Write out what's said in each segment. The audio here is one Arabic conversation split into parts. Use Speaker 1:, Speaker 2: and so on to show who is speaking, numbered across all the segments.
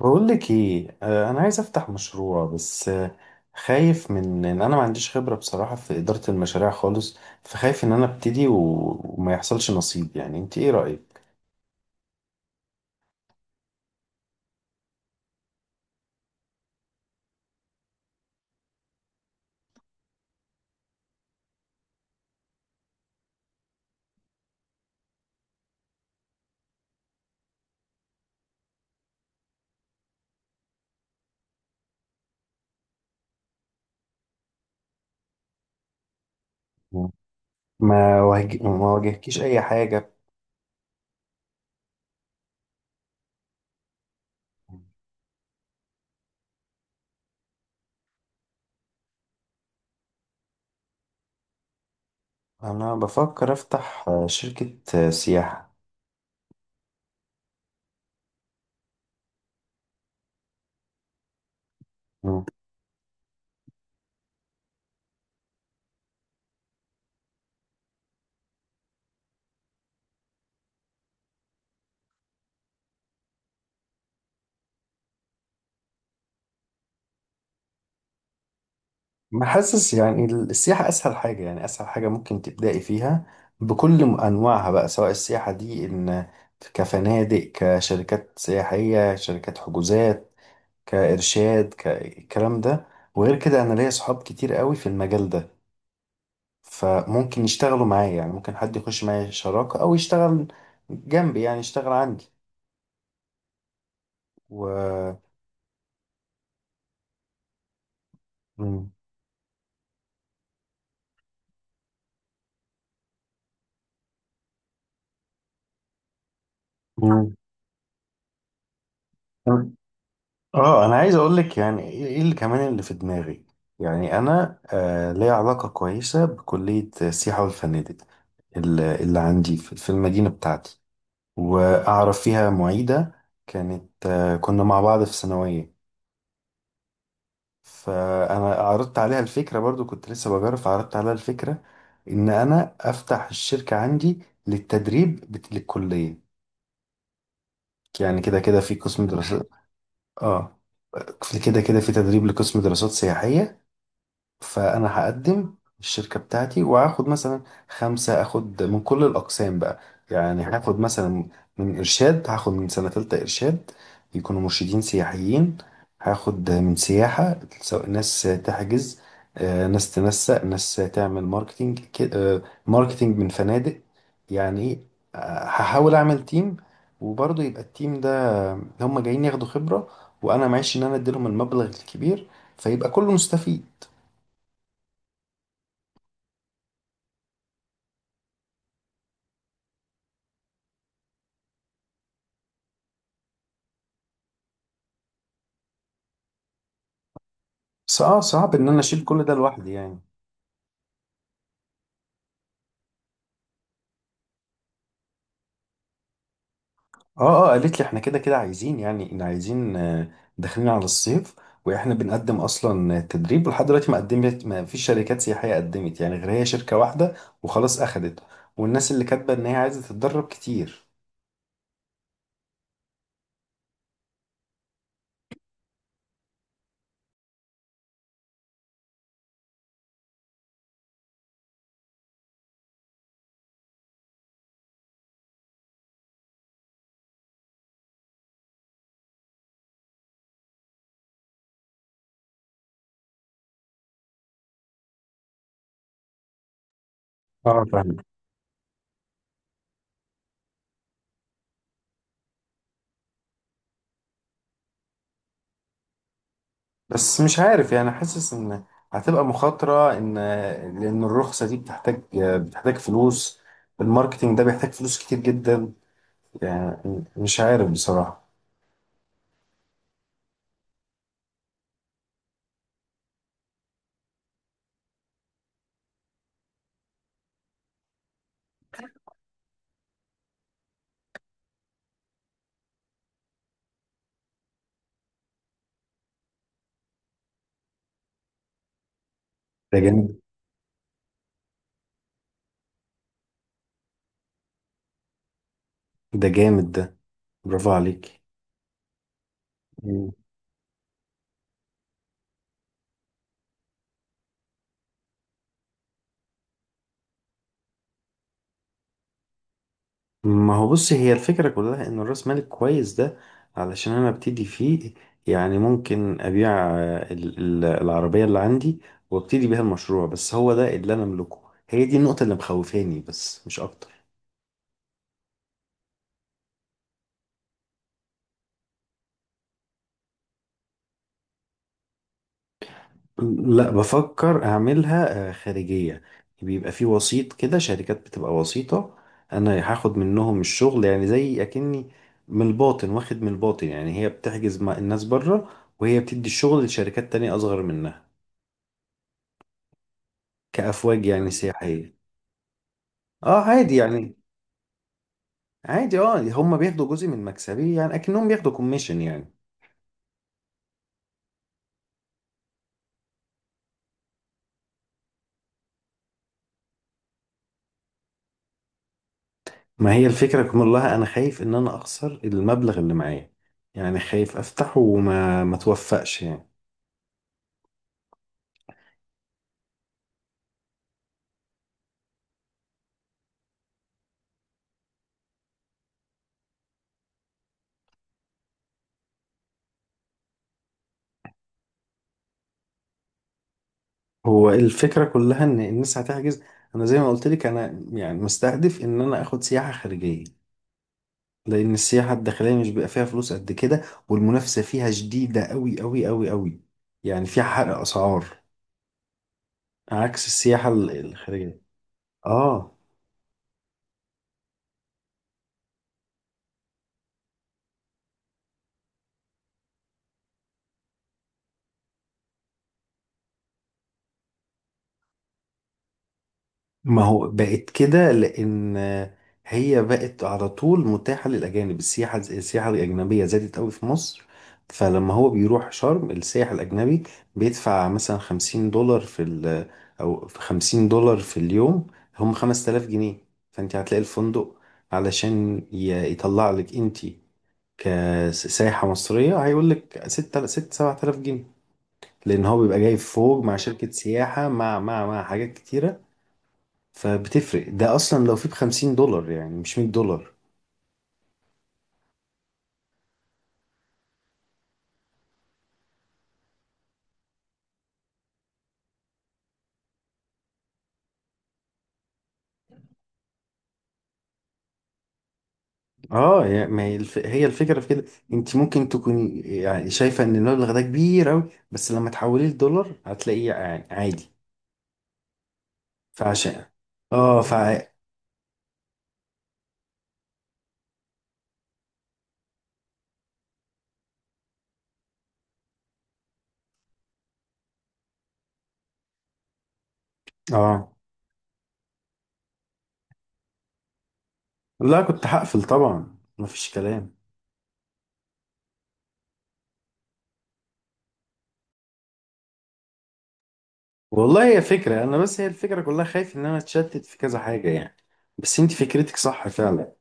Speaker 1: بقول لك ايه، انا عايز افتح مشروع بس خايف من ان انا ما عنديش خبرة بصراحة في إدارة المشاريع خالص. فخايف ان انا ابتدي وما يحصلش نصيب، يعني انت ايه رأيك؟ ما واجهكيش اي حاجة؟ انا بفكر افتح شركة سياحة. مم. ما حاسس، يعني السياحة اسهل حاجة، يعني اسهل حاجة ممكن تبدأي فيها، بكل انواعها، بقى سواء السياحة دي ان كفنادق، كشركات سياحية، شركات حجوزات، كإرشاد، كالكلام ده. وغير كده أنا ليا صحاب كتير قوي في المجال ده، فممكن يشتغلوا معايا، يعني ممكن حد يخش معايا شراكة أو يشتغل جنبي، يعني يشتغل عندي، و. مم. مم. اه، أنا عايز أقول لك، يعني إيه اللي كمان اللي في دماغي. يعني أنا ليا علاقة كويسة بكلية السياحة والفنادق، اللي عندي في المدينة بتاعتي. وأعرف فيها معيدة، كانت آه كنا مع بعض في ثانوية. فانا عرضت عليها الفكره، برضو كنت لسه بجرب، فعرضت عليها الفكره ان انا افتح الشركه عندي للتدريب للكليه. يعني كده كده في قسم دراسات. اه، كده كده في تدريب لقسم دراسات سياحيه، فانا هقدم الشركه بتاعتي، وهاخد مثلا خمسه، اخد من كل الاقسام بقى، يعني هاخد مثلا، من ارشاد هاخد من سنه تالته ارشاد، يكونوا مرشدين سياحيين. هاخد من سياحه، سواء ناس تحجز، ناس تنسق، ناس تعمل ماركتينج ماركتينج من فنادق. يعني ايه، هحاول اعمل تيم، وبرضه يبقى التيم ده هم جايين ياخدوا خبره، وانا معيش ان انا اديلهم المبلغ الكبير، فيبقى كله مستفيد. بس اه، صعب ان انا اشيل كل ده لوحدي يعني. اه اه، قالت لي احنا كده كده عايزين، يعني إن عايزين، داخلين على الصيف. واحنا بنقدم اصلا تدريب، ولحد دلوقتي ما فيش شركات سياحيه قدمت يعني، غير هي شركه واحده وخلاص اخدت. والناس اللي كاتبه ان هي عايزه تتدرب كتير. اه، فاهم. بس مش عارف يعني، حاسس ان هتبقى مخاطره، ان لان الرخصه دي بتحتاج فلوس، الماركتينج ده بيحتاج فلوس كتير جدا، يعني مش عارف بصراحه. ده جامد ده، برافو عليك. مم. ما هو بص، هي الفكرة كلها ان الراس مال الكويس ده علشان انا ابتدي فيه، يعني ممكن ابيع، العربية اللي عندي، وابتدي بيها المشروع، بس هو ده اللي انا املكه. هي دي النقطة اللي مخوفاني، بس مش اكتر. لا، بفكر اعملها خارجية. بيبقى في وسيط كده، شركات بتبقى وسيطة. انا هاخد منهم الشغل، يعني زي اكني من الباطن، واخد من الباطن، يعني هي بتحجز مع الناس بره، وهي بتدي الشغل لشركات تانية اصغر منها، كأفواج يعني سياحية. اه، عادي يعني. عادي، اه هم بياخدوا جزء من مكسبي، يعني اكنهم بياخدوا كوميشن يعني. ما هي الفكرة كلها، انا خايف ان انا اخسر المبلغ اللي معايا، يعني خايف افتحه، وما ما توفقش يعني. هو الفكرة كلها إن الناس هتحجز. أنا زي ما قلت لك، أنا يعني مستهدف إن أنا آخد سياحة خارجية، لأن السياحة الداخلية مش بيبقى فيها فلوس قد كده، والمنافسة فيها شديدة أوي أوي أوي أوي، يعني فيها حرق أسعار، عكس السياحة الخارجية. آه. ما هو بقت كده، لان هي بقت على طول متاحه للاجانب، السياحه الاجنبيه زادت قوي في مصر. فلما هو بيروح شرم السائح الاجنبي، بيدفع مثلا 50 دولار في ال او في 50 دولار في اليوم، هم 5000 جنيه. فانت هتلاقي الفندق، علشان يطلع لك انت كسائحه مصريه، هيقول لك 6 6 7000 جنيه، لان هو بيبقى جاي فوق مع شركه سياحه، مع حاجات كتيره، فبتفرق ده اصلا، لو في ب50 دولار، يعني مش 100 دولار. اه يا- ما هي الف- هي الفكرة في كده، انت ممكن تكوني يعني شايفة ان المبلغ ده كبير اوي، بس لما تحوليه لدولار هتلاقيه يعني عادي. فعشان اه فع اه، لا، كنت هقفل طبعا، مفيش كلام. والله هي فكرة، انا بس هي الفكرة كلها خايف ان انا اتشتت في كذا حاجة يعني، بس انت فكرتك صح فعلا.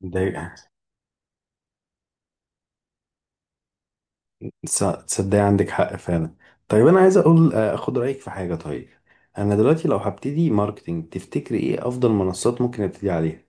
Speaker 1: ده، تصدقي عندك حق فعلا. طيب، انا عايز اقول اخد رايك في حاجه. طيب انا دلوقتي لو هبتدي ماركتينج، تفتكري ايه افضل منصات ممكن ابتدي عليها؟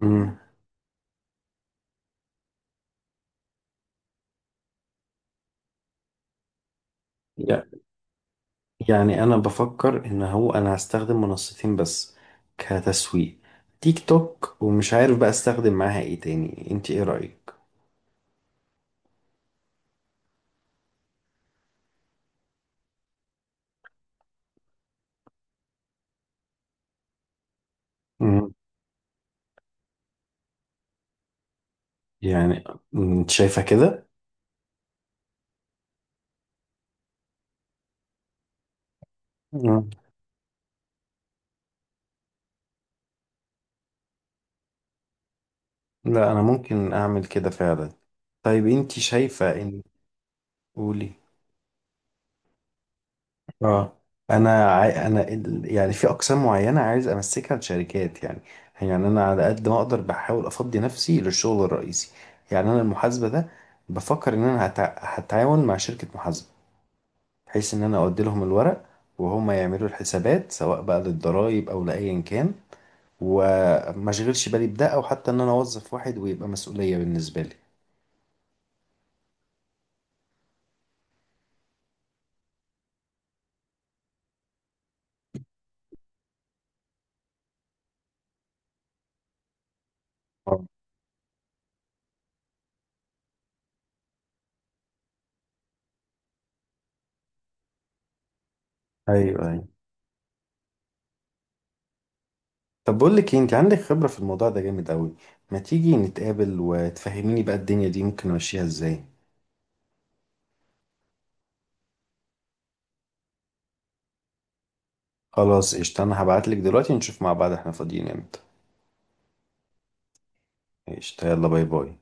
Speaker 1: امم. يعني انا بفكر، ان هو انا هستخدم منصتين بس كتسويق، تيك توك ومش عارف بقى استخدم معاها ايه تاني. انت ايه رايك؟ امم يعني انت شايفه كده. مم. لا، انا ممكن اعمل كده فعلا. طيب، انت شايفه ان، قولي. اه. انا عاي... انا ال- يعني في اقسام معينه عايز امسكها لشركات، يعني يعني انا على قد ما اقدر بحاول افضي نفسي للشغل الرئيسي، يعني انا المحاسبه ده، بفكر ان انا هتعاون مع شركه محاسبه، بحيث ان انا اودي لهم الورق، وهم يعملوا الحسابات سواء بقى للضرائب او لايا كان، وما اشغلش بالي بده، او حتى ان انا اوظف واحد ويبقى مسؤوليه بالنسبه لي. آه. ايوه، ايوه. طب، بقول لك ايه، انت عندك خبرة في الموضوع ده جامد قوي، ما تيجي نتقابل وتفهميني بقى الدنيا دي ممكن امشيها ازاي؟ خلاص قشطة، انا هبعت لك دلوقتي نشوف مع بعض احنا فاضيين امتى. قشطة، يلا، باي باي.